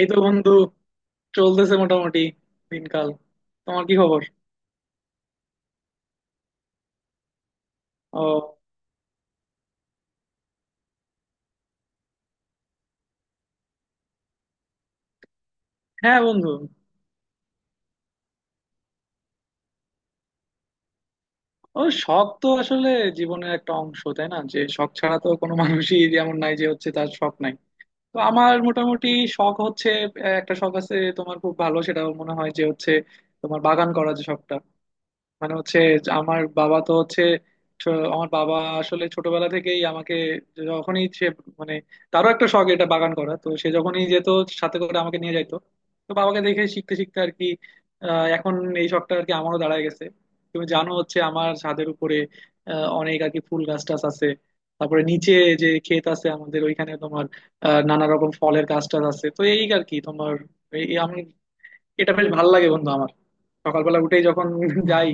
এই তো বন্ধু, চলতেছে মোটামুটি দিনকাল। তোমার কি খবর? ও, হ্যাঁ বন্ধু। ও, শখ তো আসলে জীবনের একটা অংশ, তাই না? যে শখ ছাড়া তো কোনো মানুষই যেমন নাই, যে হচ্ছে তার শখ নাই। তো আমার মোটামুটি শখ হচ্ছে, একটা শখ আছে তোমার খুব ভালো, সেটা মনে হয় যে হচ্ছে তোমার বাগান করা যে শখটা, মানে হচ্ছে যে আমার বাবা তো হচ্ছে, ছ- আমার বাবা আসলে ছোটবেলা থেকেই আমাকে যখনই সে, মানে তারও একটা শখ এটা বাগান করা, তো সে যখনই যেত সাথে করে আমাকে নিয়ে যাইতো। তো বাবাকে দেখে শিখতে শিখতে আর কি এখন এই শখটা আর কি আমারও দাঁড়ায় গেছে। তুমি জানো হচ্ছে আমার ছাদের উপরে অনেক আর কি ফুল গাছ টাছ আছে, তারপরে নিচে যে ক্ষেত আছে আমাদের ওইখানে তোমার নানা রকম ফলের গাছ টাছ আছে। তো এই আর কি তোমার, এই আমি, এটা বেশ ভালো লাগে বন্ধু আমার। সকালবেলা উঠেই যখন যাই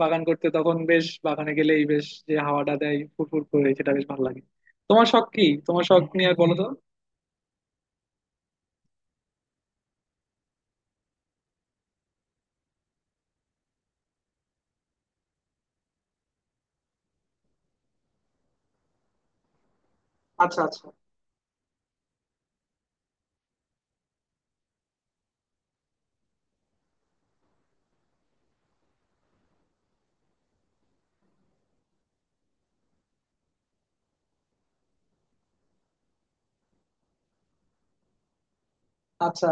বাগান করতে, তখন বেশ, বাগানে গেলেই বেশ যে হাওয়াটা দেয় ফুরফুর করে, সেটা বেশ ভালো লাগে। তোমার শখ কি, তোমার শখ নিয়ে আর বলো তো। আচ্ছা আচ্ছা। আচ্ছা।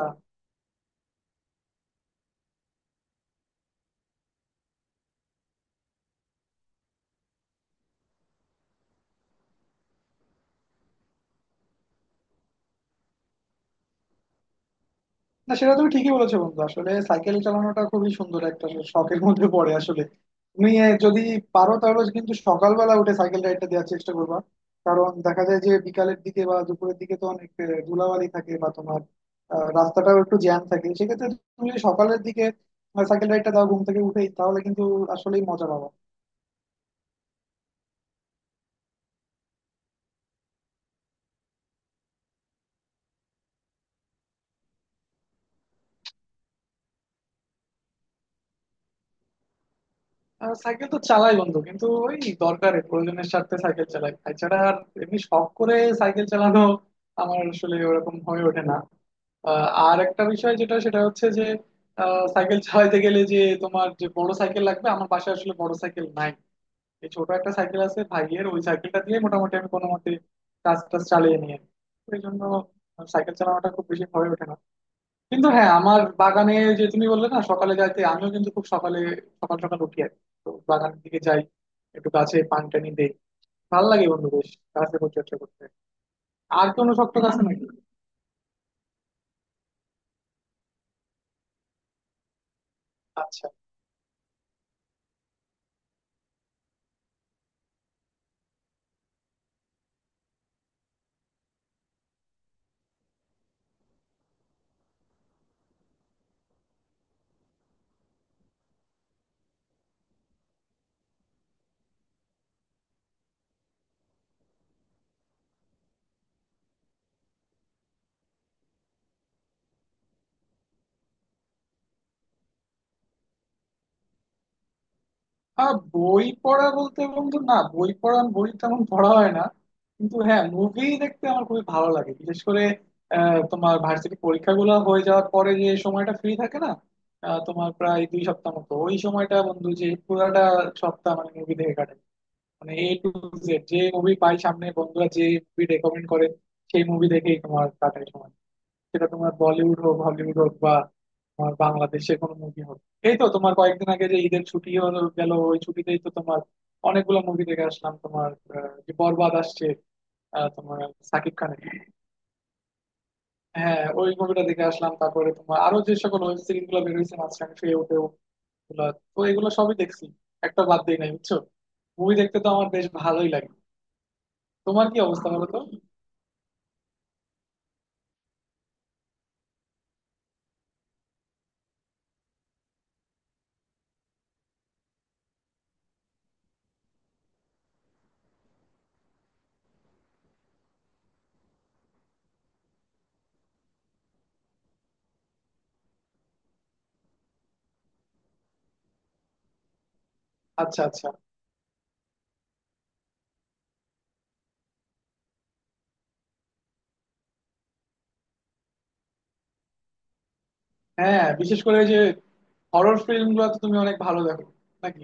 না, সেটা তুমি ঠিকই বলেছো বন্ধু, আসলে সাইকেল চালানোটা খুবই সুন্দর একটা শখের মধ্যে পড়ে। আসলে তুমি যদি পারো, তাহলে কিন্তু সকালবেলা উঠে সাইকেল রাইডটা দেওয়ার চেষ্টা করবা। কারণ দেখা যায় যে বিকালের দিকে বা দুপুরের দিকে তো অনেক ধুলাবালি থাকে, বা তোমার রাস্তাটাও একটু জ্যাম থাকে। সেক্ষেত্রে তুমি যদি সকালের দিকে সাইকেল রাইডটা দাও ঘুম থেকে উঠেই, তাহলে কিন্তু আসলেই মজা পাবা। সাইকেল তো চালাই বন্ধু, কিন্তু ওই দরকারে প্রয়োজনের স্বার্থে সাইকেল চালাই, এছাড়া আর এমনি শখ করে সাইকেল চালানো আমার আসলে ওরকম হয়ে ওঠে না। আর একটা বিষয় যেটা, সেটা হচ্ছে যে সাইকেল চালাইতে গেলে যে তোমার যে বড় সাইকেল লাগবে, আমার বাসায় আসলে বড় সাইকেল নাই। এই ছোট একটা সাইকেল আছে ভাইয়ের, ওই সাইকেলটা দিয়ে মোটামুটি আমি কোনো মতে কাজ টাজ চালিয়ে নিয়ে, এই জন্য সাইকেল চালানোটা খুব বেশি হয়ে ওঠে না। কিন্তু হ্যাঁ, আমার বাগানে ওই যে তুমি বললে না সকালে যাইতে, আমিও কিন্তু খুব সকালে সকাল সকাল উঠি আর কি। তো বাগানের দিকে যাই, একটু গাছে পানি টানি দেই। ভালো লাগে বন্ধু বেশ গাছে পরিচর্যা করতে। আর কোনো শক্ত গাছ নাকি? আচ্ছা। বই পড়া বলতে বন্ধু, না বই পড়া, বই তেমন পড়া হয় না। কিন্তু হ্যাঁ, মুভি দেখতে আমার খুবই ভালো লাগে। বিশেষ করে তোমার ভার্সিটি পরীক্ষাগুলো হয়ে যাওয়ার পরে যে সময়টা ফ্রি থাকে না, তোমার প্রায় দুই সপ্তাহ মতো, ওই সময়টা বন্ধু যে পুরাটা সপ্তাহ মানে মুভি দেখে কাটে। মানে এ টু জেড যে মুভি পাই সামনে, বন্ধুরা যে মুভি রেকমেন্ড করে, সেই মুভি দেখেই তোমার কাটাই সময়। সেটা তোমার বলিউড হোক, হলিউড হোক, বা তোমার বাংলাদেশের কোনো মুভি হোক। এই তো তোমার কয়েকদিন আগে যে ঈদের ছুটি হলো গেল, ওই ছুটিতেই তো তোমার অনেকগুলো মুভি দেখে আসলাম। তোমার যে বরবাদ আসছে, তোমার সাকিব খানের, হ্যাঁ ওই মুভিটা দেখে আসলাম। তারপরে তোমার আরো যে সকল ওয়েব সিরিজ গুলো বেরোয়েছে মাঝখানে শুয়ে উঠে ওগুলা, তো এগুলো সবই দেখছি, একটা বাদ দিই নাই বুঝছো। মুভি দেখতে তো আমার বেশ ভালোই লাগে। তোমার কি অবস্থা বলো তো। আচ্ছা আচ্ছা। হ্যাঁ হ্যাঁ, বিশেষ করে যে হরর ফিল্ম গুলো তো তুমি অনেক ভালো দেখো নাকি?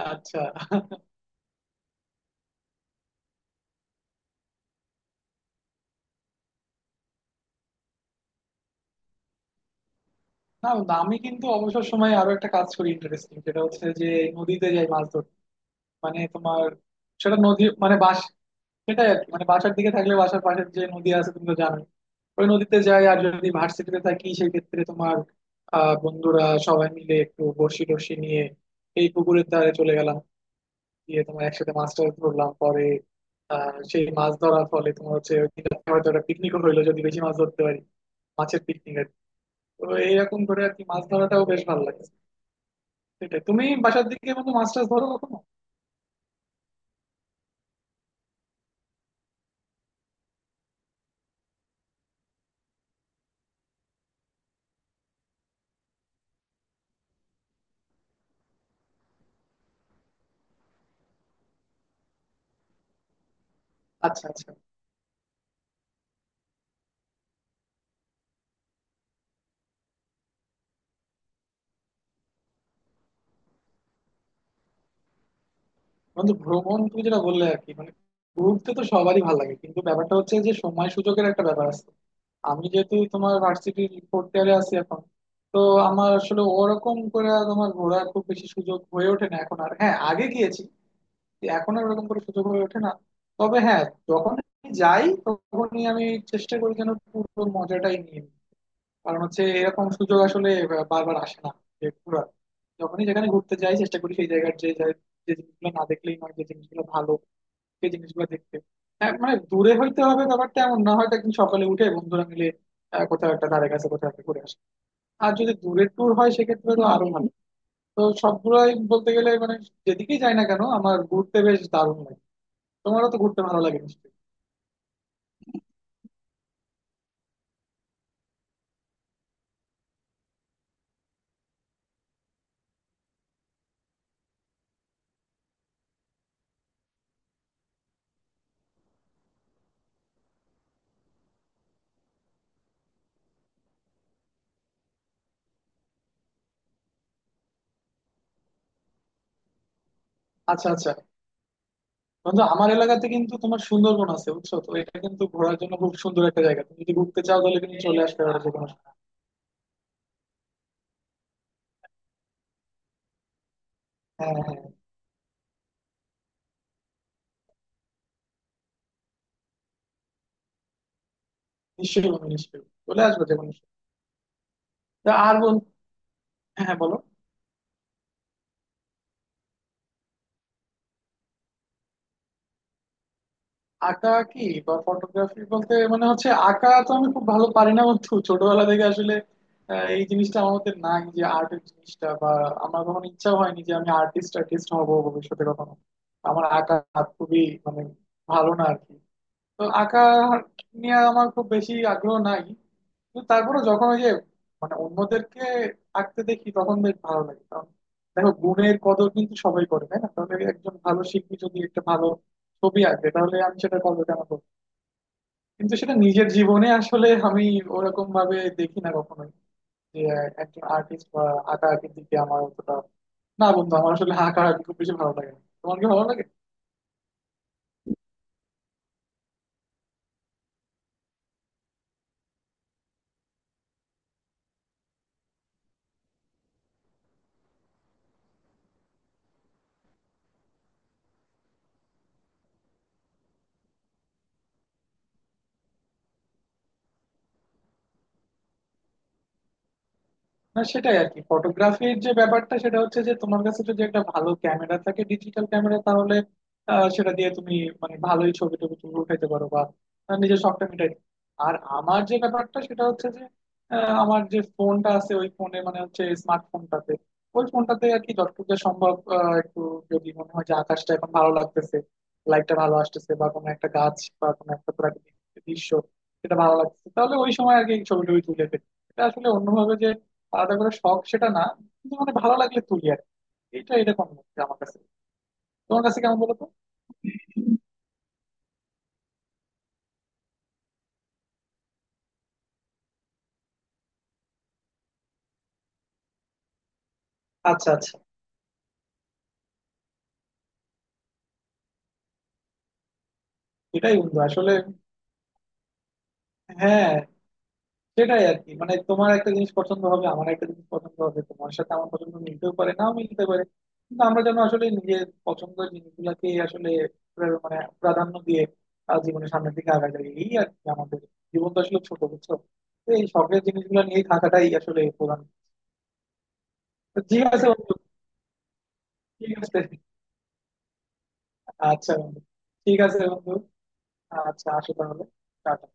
আচ্ছা। না না, আমি কিন্তু অবসর সময়ে আরো একটা কাজ করি ইন্টারেস্টিং, সেটা হচ্ছে যে নদীতে যাই মাছ ধরতে। মানে তোমার সেটা নদী মানে বাস, সেটাই আর কি, মানে বাসার দিকে থাকলে বাসার পাশে যে নদী আছে তুমি তো জানোই, ওই নদীতে যাই। আর যদি ভার্সিটিতে থাকি সেই ক্ষেত্রে তোমার বন্ধুরা সবাই মিলে একটু বড়শি টড়শি নিয়ে এই পুকুরের ধারে চলে গেলাম, গিয়ে তোমার একসাথে মাছ টাছ ধরলাম। পরে সেই মাছ ধরার ফলে তোমার হচ্ছে ওই দিন রাত্রে হয়তো একটা পিকনিকও হইলো, যদি বেশি মাছ ধরতে পারি, মাছের পিকনিক আর কি। তো এইরকম করে আর কি মাছ ধরাটাও বেশ ভালো লাগে। সেটাই তুমি বাসার দিকে বন্ধু মাছ টাছ ধরো কখনো? আচ্ছা আচ্ছা। বন্ধু ভ্রমণ তুমি যেটা বললে আর কি, মানে ঘুরতে তো সবারই ভালো লাগে, কিন্তু ব্যাপারটা হচ্ছে যে সময় সুযোগের একটা ব্যাপার আছে। আমি যেহেতু তোমার ভার্সিটির ফোর্থ ইয়ারে আছি এখন, তো আমার আসলে ওরকম করে তোমার ঘোরার খুব বেশি সুযোগ হয়ে ওঠে না এখন আর। হ্যাঁ আগে গিয়েছি, এখন আর ওরকম করে সুযোগ হয়ে ওঠে না। তবে হ্যাঁ, যখন যাই তখনই আমি চেষ্টা করি যেন পুরো মজাটাই নিয়ে নিই। কারণ হচ্ছে এরকম সুযোগ আসলে বারবার আসে না। যে পুরো যখনই যেখানে ঘুরতে যাই চেষ্টা করি সেই জায়গার যে যে জিনিসগুলো না দেখলেই নয়, যে জিনিসগুলো ভালো সেই জিনিসগুলো দেখতে। হ্যাঁ মানে দূরে হইতে হবে ব্যাপারটা এমন না, হয়তো একদিন সকালে উঠে বন্ধুরা মিলে কোথাও একটা ধারে কাছে কোথাও একটা ঘুরে আসে। আর যদি দূরের ট্যুর হয় সেক্ষেত্রে তো আরো ভালো। তো সবগুলোই বলতে গেলে মানে যেদিকেই যাই না কেন আমার ঘুরতে বেশ দারুণ লাগে। তোমারও তো ঘুরতে ভালো লাগে নিশ্চয়ই। আচ্ছা আচ্ছা। বন্ধু আমার এলাকাতে কিন্তু তোমার সুন্দরবন আছে বুঝছো তো, এটা কিন্তু ঘোরার জন্য খুব সুন্দর একটা জায়গা, তুমি যদি ঘুরতে চাও তাহলে কিন্তু চলে আসতে পারো যে কোনো সময়। হ্যাঁ হ্যাঁ। নিশ্চয়ই বন্ধু, নিশ্চয়ই চলে আসবে যে কোনো সময়। তা আর বল। হ্যাঁ হ্যাঁ, বলো। আঁকা কি বা ফটোগ্রাফি বলতে মানে হচ্ছে, আঁকা তো আমি খুব ভালো পারি না বন্ধু। ছোটবেলা থেকে আসলে এই জিনিসটা আমার মধ্যে নাই যে আর্টের জিনিসটা, বা আমার কখনো ইচ্ছা হয়নি যে আমি আর্টিস্ট আর্টিস্ট হবো ভবিষ্যতে কখনো। আমার আঁকা হাত খুবই মানে ভালো না আর কি। তো আঁকা নিয়ে আমার খুব বেশি আগ্রহ নাই। কিন্তু তারপরে যখন ওই যে, মানে অন্যদেরকে আঁকতে দেখি তখন বেশ ভালো লাগে। কারণ দেখো গুণের কদর কিন্তু সবাই করে, তাই না? তাহলে একজন ভালো শিল্পী যদি একটা ভালো ছবি আঁকে তাহলে আমি সেটা করবো, কেন করবো? কিন্তু সেটা নিজের জীবনে আসলে আমি ওরকম ভাবে দেখি না কখনোই, যে একজন আর্টিস্ট বা আঁকা আঁকির দিকে আমার অতটা, না বন্ধু আমার আসলে আঁকা আঁকি খুব বেশি ভালো লাগে না। তোমার কি ভালো লাগে? না, সেটাই আর কি ফটোগ্রাফির যে ব্যাপারটা, সেটা হচ্ছে যে তোমার কাছে যদি একটা ভালো ক্যামেরা থাকে, ডিজিটাল ক্যামেরা, তাহলে সেটা দিয়ে তুমি মানে ভালোই ছবি টবি তুমি উঠাইতে পারো, বা নিজের শখটা মিটাই। আর আমার যে ব্যাপারটা সেটা হচ্ছে যে আমার যে ফোনটা আছে ওই ফোনে, মানে হচ্ছে স্মার্টফোনটাতে, ওই ফোনটাতে আর কি যতটুকু যা সম্ভব একটু যদি মনে হয় যে আকাশটা এখন ভালো লাগতেছে, লাইটটা ভালো আসতেছে, বা কোনো একটা গাছ বা কোনো একটা প্রাকৃতিক দৃশ্য সেটা ভালো লাগতেছে, তাহলে ওই সময় আর কি ছবি টবি তুলে ফেলি। এটা আসলে অন্যভাবে আলাদা করে শখ সেটা না, কিন্তু মানে ভালো লাগলে তুলি আর কি। এটা এরকম হচ্ছে আমার কাছে। তোমার কাছে কেমন বলো তো। আচ্ছা আচ্ছা। এটাই বন্ধু আসলে। হ্যাঁ, সেটাই আর কি, মানে তোমার একটা জিনিস পছন্দ হবে, আমার একটা জিনিস পছন্দ হবে, তোমার সাথে আমার পছন্দ মিলতেও পারে, নাও মিলতে পারে। কিন্তু আমরা যেন আসলে নিজের পছন্দের জিনিসগুলাকে আসলে মানে প্রাধান্য দিয়ে জীবনের সামনের দিকে আগায় যাই এই আর কি। আমাদের জীবন তো আসলে ছোট বুঝছো, তো এই শখের জিনিসগুলো নিয়েই থাকাটাই আসলে প্রধান। তো ঠিক আছে বন্ধু। ঠিক আছে। আচ্ছা বন্ধু। ঠিক আছে বন্ধু। আচ্ছা আসো তাহলে। টাটা।